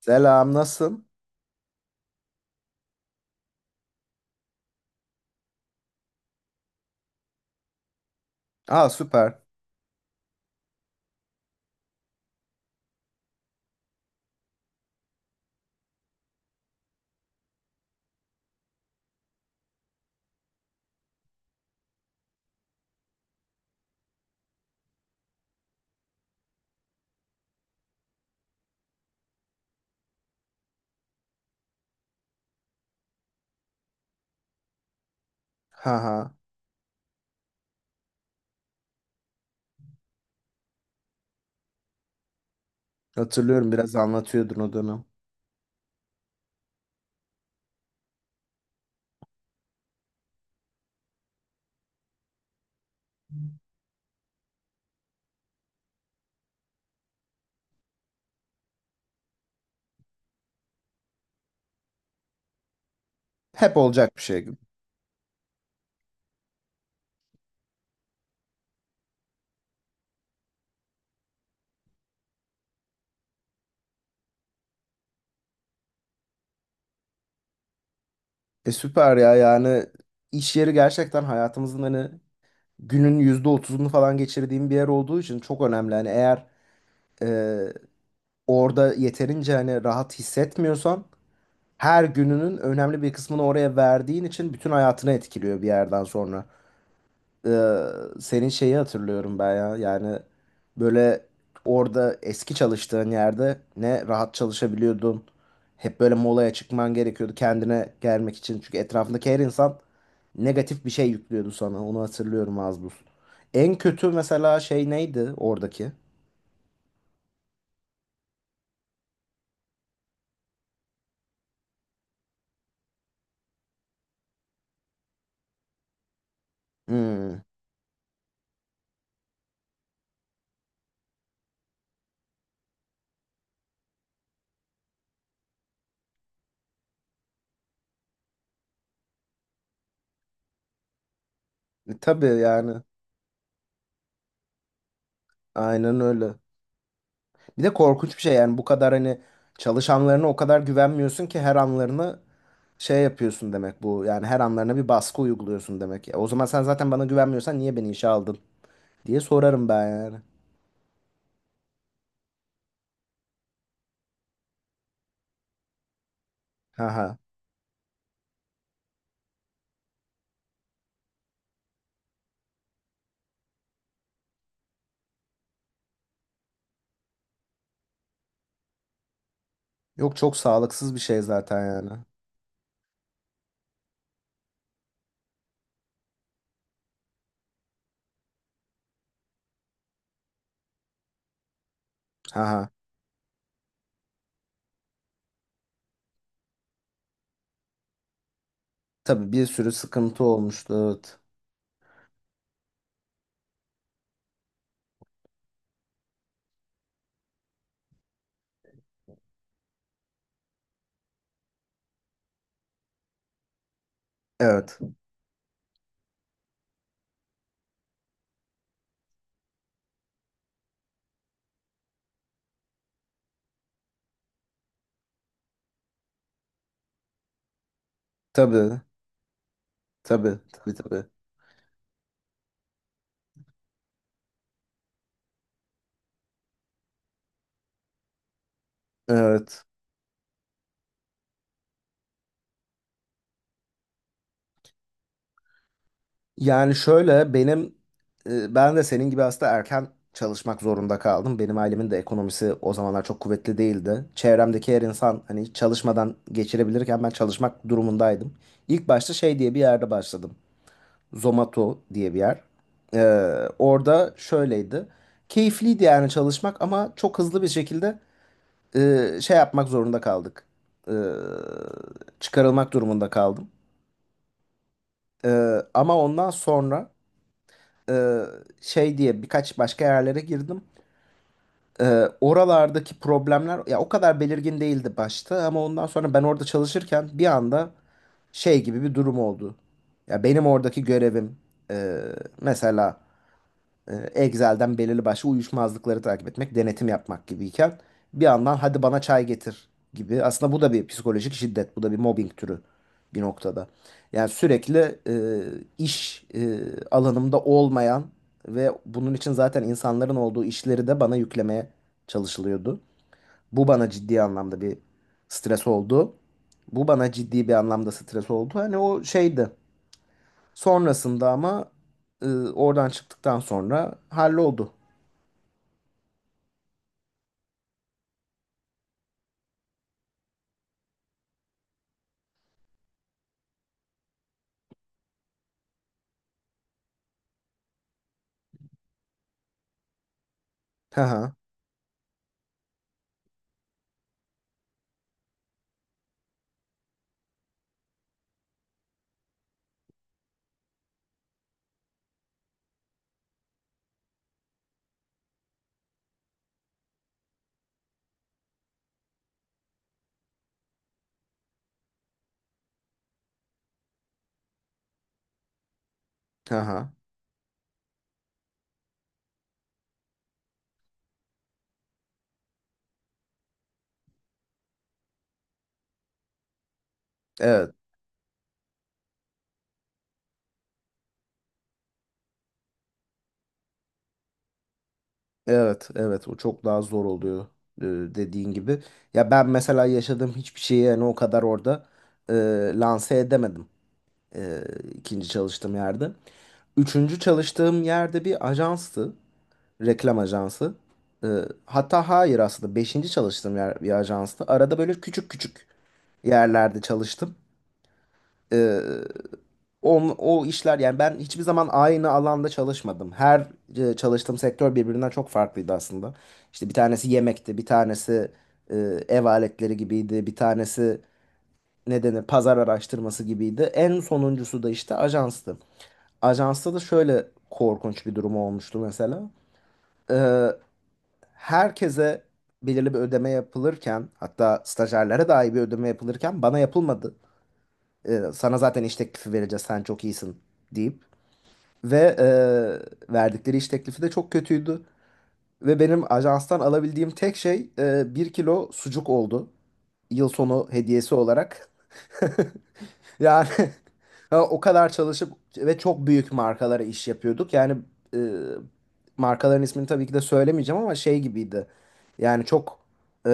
Selam, nasılsın? Aa süper. Ha ha. Hatırlıyorum biraz anlatıyordun o dönem. Hep olacak bir şey gibi. E süper ya yani iş yeri gerçekten hayatımızın hani günün %30'unu falan geçirdiğim bir yer olduğu için çok önemli. Hani eğer e, orada yeterince hani rahat hissetmiyorsan her gününün önemli bir kısmını oraya verdiğin için bütün hayatını etkiliyor bir yerden sonra. Ee, Senin şeyi hatırlıyorum ben ya. Yani böyle orada eski çalıştığın yerde ne rahat çalışabiliyordun. Hep böyle molaya çıkman gerekiyordu kendine gelmek için. Çünkü etrafındaki her insan negatif bir şey yüklüyordu sana. Onu hatırlıyorum az buz. En kötü mesela şey neydi oradaki? Hmm. Tabii yani. Aynen öyle. Bir de korkunç bir şey yani bu kadar hani çalışanlarına o kadar güvenmiyorsun ki her anlarını şey yapıyorsun demek bu. Yani her anlarına bir baskı uyguluyorsun demek. Ya, o zaman sen zaten bana güvenmiyorsan niye beni işe aldın diye sorarım ben yani. Haha. Yok, çok sağlıksız bir şey zaten yani. Haha. Tabii, bir sürü sıkıntı olmuştu. Evet. Evet. Tabii. Tabii. Tabii, tabii. Evet. Yani şöyle benim ben de senin gibi aslında erken çalışmak zorunda kaldım. Benim ailemin de ekonomisi o zamanlar çok kuvvetli değildi. Çevremdeki her insan hani hiç çalışmadan geçirebilirken ben çalışmak durumundaydım. İlk başta şey diye bir yerde başladım. Zomato diye bir yer. Orada şöyleydi. Keyifliydi yani çalışmak ama çok hızlı bir şekilde şey yapmak zorunda kaldık. Ee, Çıkarılmak durumunda kaldım. Ama ondan sonra e, şey diye birkaç başka yerlere girdim. E, Oralardaki problemler ya o kadar belirgin değildi başta ama ondan sonra ben orada çalışırken bir anda şey gibi bir durum oldu. Ya benim oradaki görevim e, mesela Excel'den belirli başlı uyuşmazlıkları takip etmek, denetim yapmak gibiyken bir yandan hadi bana çay getir gibi. Aslında bu da bir psikolojik şiddet, bu da bir mobbing türü bir noktada. Yani sürekli iş alanımda olmayan ve bunun için zaten insanların olduğu işleri de bana yüklemeye çalışılıyordu. Bu bana ciddi anlamda bir stres oldu. Bu bana ciddi bir anlamda stres oldu. Hani o şeydi. Sonrasında ama e, oradan çıktıktan sonra halloldu. Haha, haha. Evet, evet, evet. O çok daha zor oluyor e, dediğin gibi. Ya ben mesela yaşadığım hiçbir şeyi yani o kadar orada e, lanse edemedim e, ikinci çalıştığım yerde. Üçüncü çalıştığım yerde bir ajanstı, reklam ajansı. E, Hatta hayır aslında beşinci çalıştığım yer bir ajanstı. Arada böyle küçük küçük yerlerde çalıştım. E, o işler yani ben hiçbir zaman aynı alanda çalışmadım. Her çalıştığım sektör birbirinden çok farklıydı aslında. İşte bir tanesi yemekti, bir tanesi e, ev aletleri gibiydi, bir tanesi ne denir pazar araştırması gibiydi. En sonuncusu da işte ajanstı. Ajansta da şöyle korkunç bir durum olmuştu mesela. E, Herkese belirli bir ödeme yapılırken hatta stajyerlere dahi bir ödeme yapılırken bana yapılmadı. Sana zaten iş teklifi vereceğiz sen çok iyisin deyip. Ve verdikleri iş teklifi de çok kötüydü. Ve benim ajanstan alabildiğim tek şey bir kilo sucuk oldu. Yıl sonu hediyesi olarak. Yani ha, o kadar çalışıp ve çok büyük markalara iş yapıyorduk. Yani e, markaların ismini tabii ki de söylemeyeceğim ama şey gibiydi. Yani çok e,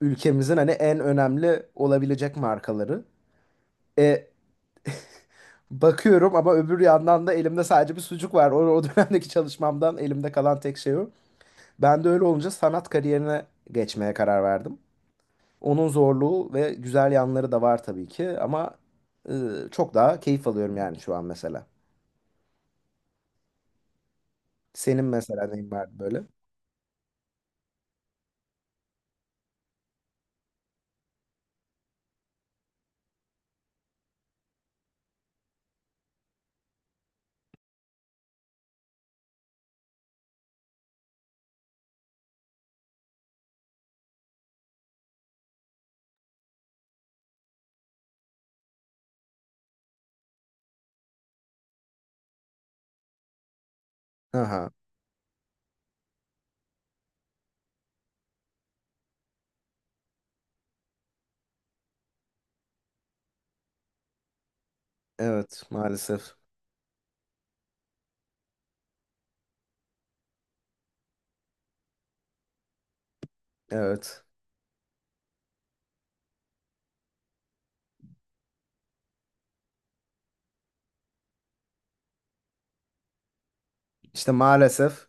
ülkemizin hani en önemli olabilecek markaları. E, Bakıyorum ama öbür yandan da elimde sadece bir sucuk var. O dönemdeki çalışmamdan elimde kalan tek şey o. Ben de öyle olunca sanat kariyerine geçmeye karar verdim. Onun zorluğu ve güzel yanları da var tabii ki ama e, çok daha keyif alıyorum yani şu an mesela. Senin mesela neyin vardı böyle? Aha, evet maalesef. Evet. İşte maalesef.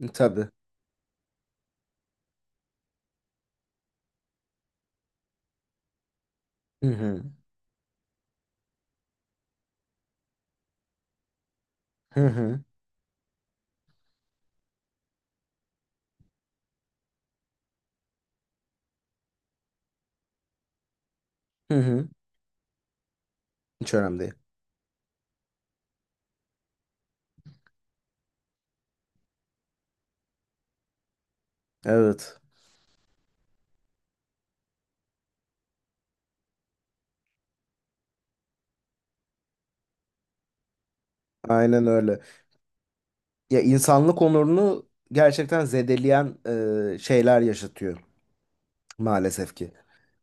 Tabii. Hı hı. Hı hı. Hı hı. Hiç önemli değil. Evet. Aynen öyle. Ya insanlık onurunu gerçekten zedeleyen şeyler yaşatıyor maalesef ki.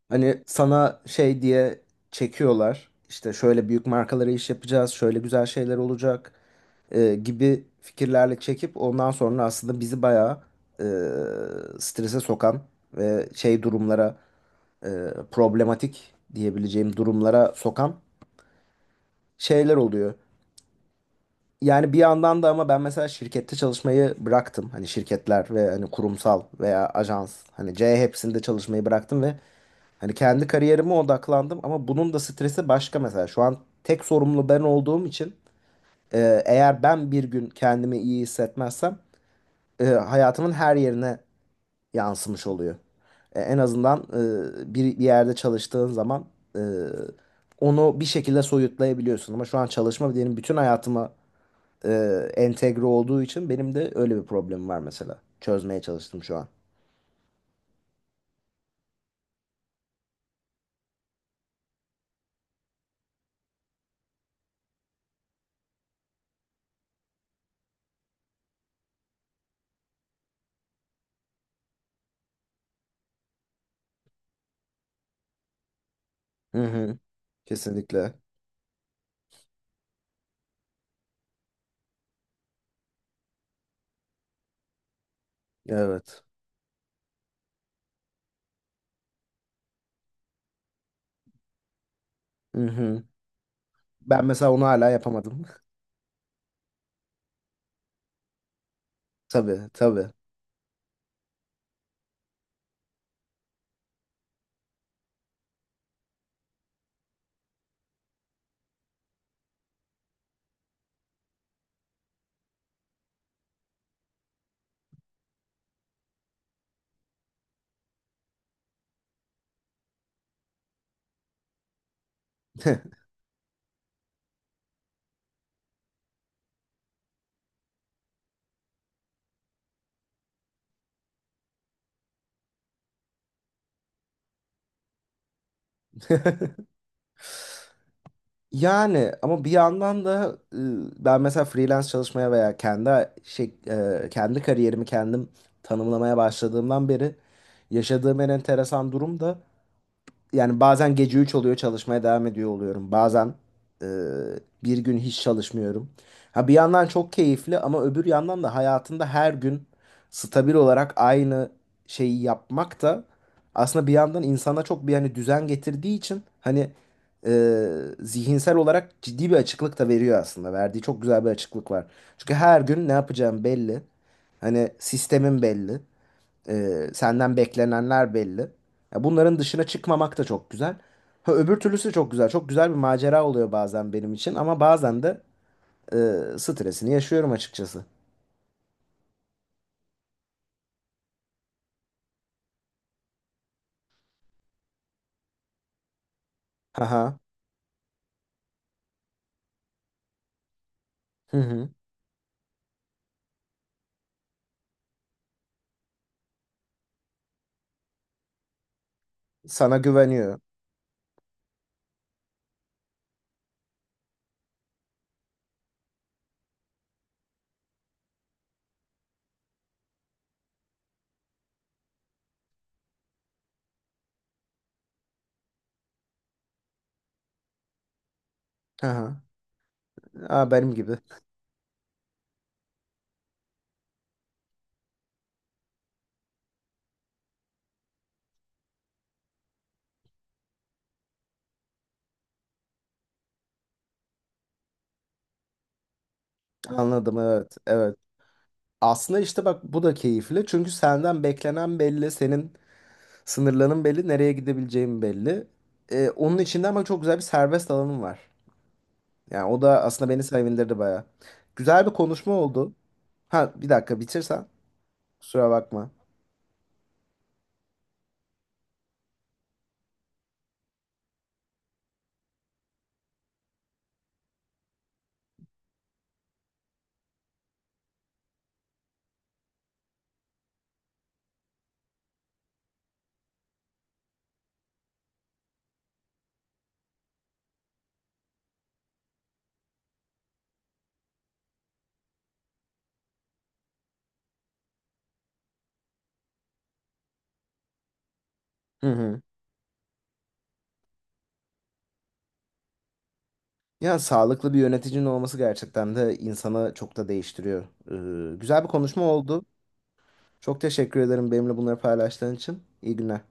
Hani sana şey diye çekiyorlar. İşte şöyle büyük markalara iş yapacağız, şöyle güzel şeyler olacak gibi fikirlerle çekip ondan sonra aslında bizi bayağı e, strese sokan ve şey durumlara e, problematik diyebileceğim durumlara sokan şeyler oluyor. Yani bir yandan da ama ben mesela şirkette çalışmayı bıraktım. Hani şirketler ve hani kurumsal veya ajans hani C hepsinde çalışmayı bıraktım ve hani kendi kariyerime odaklandım ama bunun da stresi başka mesela. Şu an tek sorumlu ben olduğum için eğer ben bir gün kendimi iyi hissetmezsem hayatımın her yerine yansımış oluyor. En azından bir yerde çalıştığın zaman e, onu bir şekilde soyutlayabiliyorsun. Ama şu an çalışma benim bütün hayatıma e, entegre olduğu için benim de öyle bir problemim var mesela. Çözmeye çalıştım şu an. Hı hı. Kesinlikle. Evet. Hı hı. Ben mesela onu hala yapamadım. Tabii, tabii. Yani ama bir yandan da ben mesela freelance çalışmaya veya kendi şey, kendi kariyerimi kendim tanımlamaya başladığımdan beri yaşadığım en enteresan durum da yani bazen gece 3 oluyor çalışmaya devam ediyor oluyorum. Bazen e, bir gün hiç çalışmıyorum. Ha bir yandan çok keyifli ama öbür yandan da hayatında her gün stabil olarak aynı şeyi yapmak da aslında bir yandan insana çok bir hani düzen getirdiği için hani e, zihinsel olarak ciddi bir açıklık da veriyor aslında. Verdiği çok güzel bir açıklık var. Çünkü her gün ne yapacağım belli. Hani sistemin belli. Senden beklenenler belli. Ya bunların dışına çıkmamak da çok güzel. Ha, öbür türlüsü de çok güzel. Çok güzel bir macera oluyor bazen benim için ama bazen de e, stresini yaşıyorum açıkçası. Haha. Hı hı. Sana güveniyor. Haha. Aa, benim gibi. Anladım, evet. Evet. Aslında işte bak bu da keyifli. Çünkü senden beklenen belli, senin sınırların belli, nereye gidebileceğin belli. Onun içinde ama çok güzel bir serbest alanım var. Yani o da aslında beni sevindirdi baya. Güzel bir konuşma oldu. Ha bir dakika bitirsen kusura bakma. Hı hı. Ya sağlıklı bir yöneticinin olması gerçekten de insanı çok da değiştiriyor. Güzel bir konuşma oldu. Çok teşekkür ederim benimle bunları paylaştığın için. İyi günler.